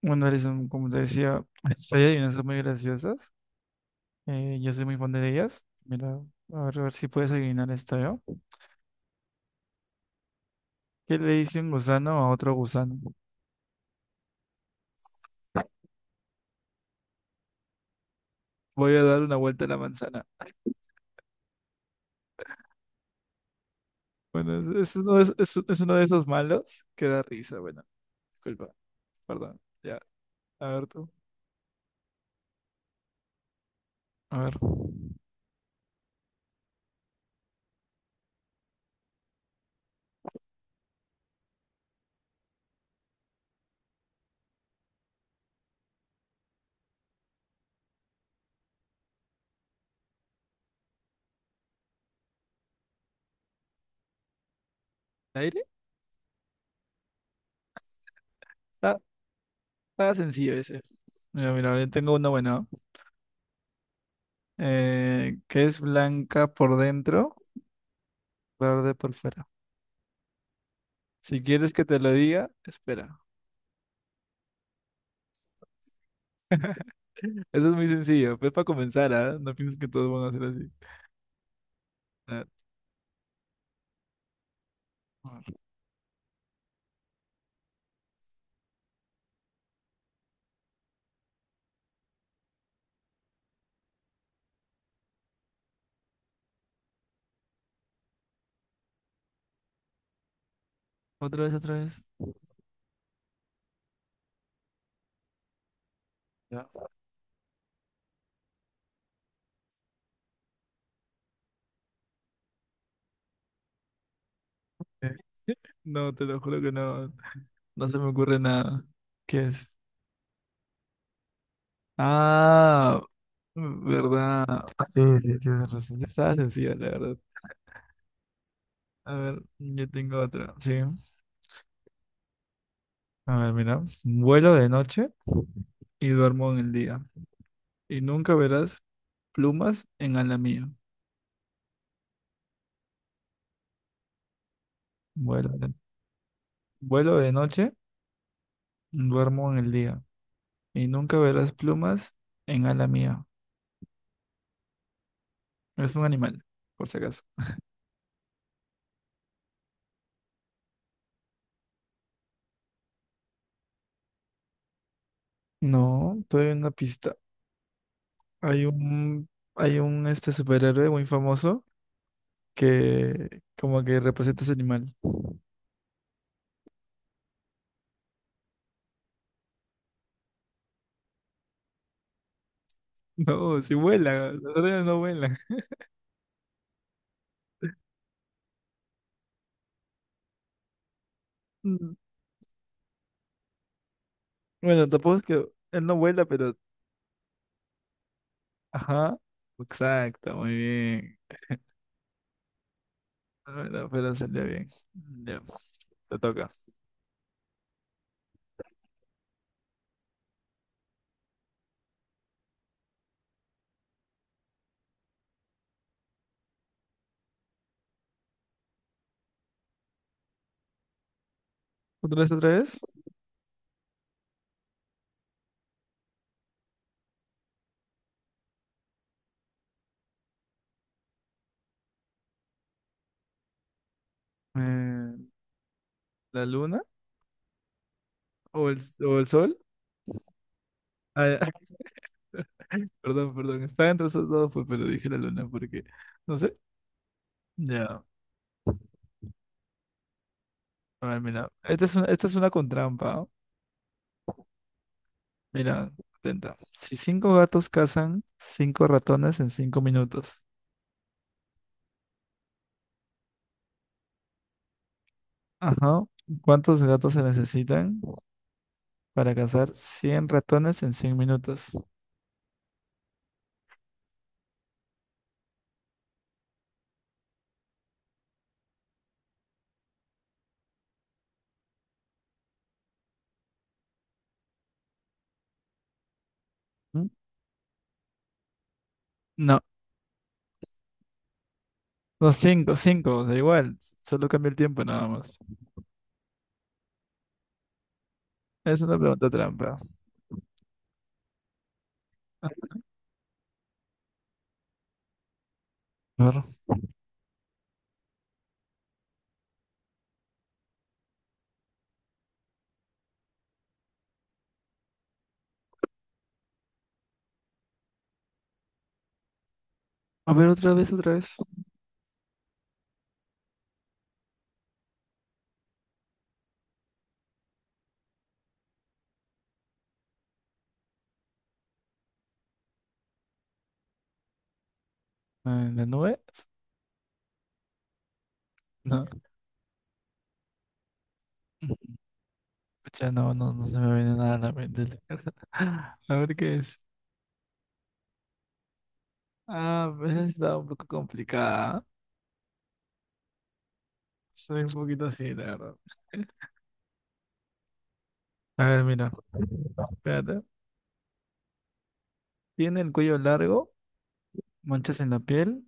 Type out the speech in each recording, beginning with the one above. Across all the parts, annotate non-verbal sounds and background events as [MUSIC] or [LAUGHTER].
Bueno, Alison, como te decía, [LAUGHS] pues, hay adivinanzas muy graciosas. Yo soy muy fan de ellas. Mira, a ver si puedes adivinar esta, ¿yo? ¿Qué le dice un gusano a otro gusano? Voy a dar una vuelta a la manzana. Bueno, es uno de esos malos que da risa. Bueno, disculpa, perdón. Ya, a ver tú. A ver. ¿Aire? Está, está sencillo ese. Mira, mira, yo tengo uno bueno. Que es blanca por dentro, verde por fuera. Si quieres que te lo diga, espera. Eso es muy sencillo. Pues para comenzar, ¿ah? No pienses que todos van a ser así. Ah. Otra vez, otra vez. Ya. Eh, No, te lo juro que no. No se me ocurre nada. ¿Qué es? Ah, ¿verdad? Ah, sí, sí, tienes razón. Estaba sencilla, la verdad. A ver, yo tengo otra. Sí. A ver, mira. Vuelo de noche y duermo en el día. Y nunca verás plumas en ala mía. Vuelo de, vuelo de noche, duermo en el día. Y nunca verás plumas en ala mía. Es un animal, por si acaso. No, todavía hay una pista. Hay un, hay un superhéroe muy famoso que como que representa ese animal. [LAUGHS] No, si vuela, los órdenes no vuelan. Mm. Bueno, tampoco es que él no vuela, pero ajá, exacto, muy bien. Bueno, pero salió bien. Ya, te toca. ¿Otra vez, otra vez? Eh, ¿La luna o el, o el sol? Ah, ya. [LAUGHS] Perdón, perdón, estaba entre esos dos, pues, pero dije la luna porque, no sé. Ya, a ver, mira. Esta es una con trampa. ¿Ah? Mira, atenta. Si cinco gatos cazan cinco ratones en 5 minutos. Ajá. ¿Cuántos gatos se necesitan para cazar 100 ratones en 100 minutos? ¿Mm? No, no, cinco, cinco, da igual. Solo cambia el tiempo nada más. Es una pregunta trampa. A ver, a ver, otra vez, otra vez. ¿En la nube? No. Pucha, no, no, no se me viene nada a la mente. [LAUGHS] A ver qué es. Ah, pues esa está un poco complicada. ¿Ah? Soy un poquito así, la verdad. A ver, mira. Espérate. Tiene el cuello largo, manchas en la piel,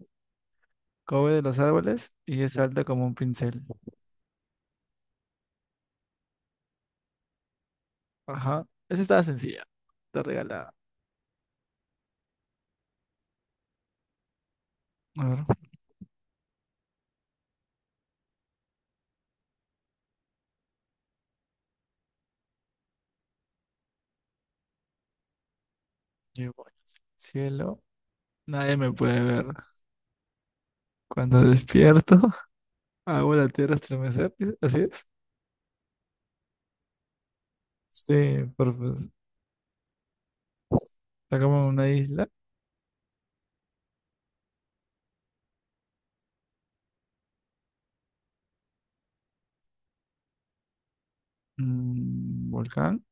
cobre de los árboles y es alta como un pincel. Ajá. Esa estaba sencilla, está regalada. A ver, yo voy hacia el cielo. Nadie me puede ver. Cuando despierto, [LAUGHS] hago la tierra estremecer. ¿Sí? ¿Así es? Sí, pues, está como en una isla, un volcán.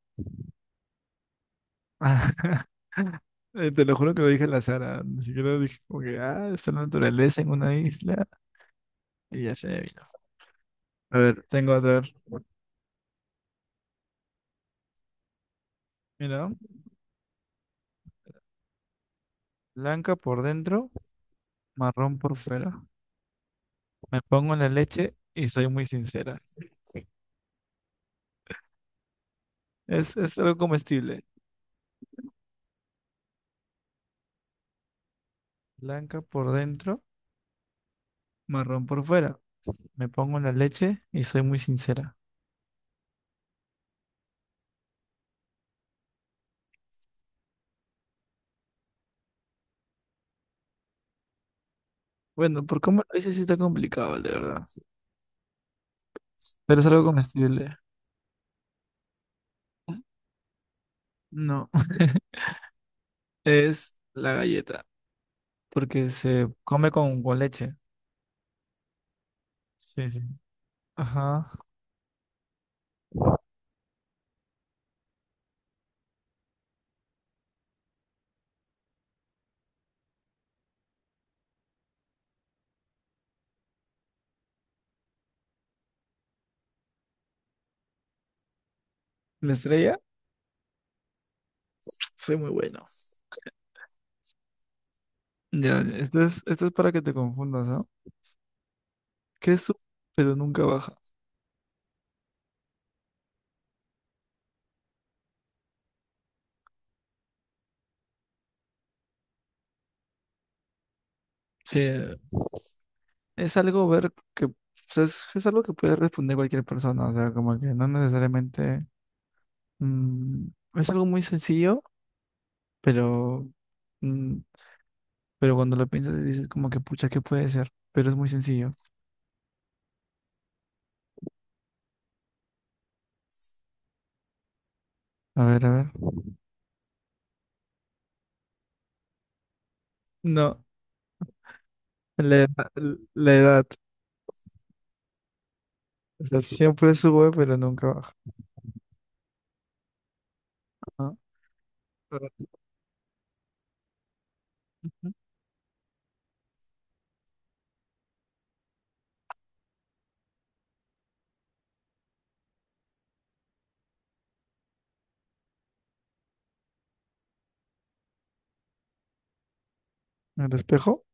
Ah. [LAUGHS] Te lo juro que lo dije al azar, ah, ni siquiera lo dije como que, ah, está la naturaleza en una isla y ya se me vino. A ver, tengo a ver. Mira, blanca por dentro, marrón por fuera. Me pongo en la leche y soy muy sincera. Es algo comestible. Blanca por dentro, marrón por fuera. Me pongo en la leche y soy muy sincera. Bueno, por cómo lo dices sí está complicado, de verdad. Pero es algo comestible. No, [LAUGHS] es la galleta, porque se come con leche. Sí, sí. Ajá. La estrella, soy muy bueno. Ya, esto es, para que te confundas, ¿no? Que sube, pero nunca baja. Sí, es algo ver que, o sea, es algo que puede responder cualquier persona, o sea, como que no necesariamente, mm, es algo muy sencillo, pero, mm, pero cuando lo piensas dices como que, pucha, ¿qué puede ser? Pero es muy sencillo. A ver, a ver. No, la edad, la edad. O sea, siempre sube, pero nunca baja. ¿No? ¿El espejo?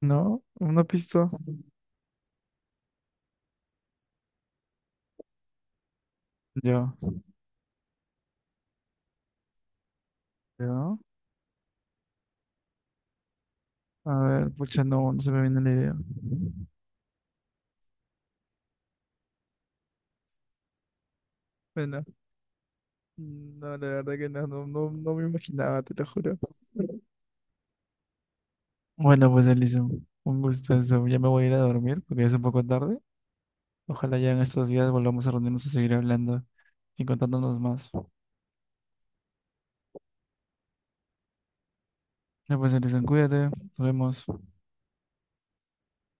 No, una pista. Yo, yo. A ver, pucha, no, no se me viene la idea. Bueno, no, la verdad que no, no, no, no me imaginaba, te lo juro. Bueno, pues Elison, un gustazo. Ya me voy a ir a dormir porque ya es un poco tarde. Ojalá ya en estos días volvamos a reunirnos a seguir hablando y contándonos más. Ya pues Elison, cuídate, nos vemos.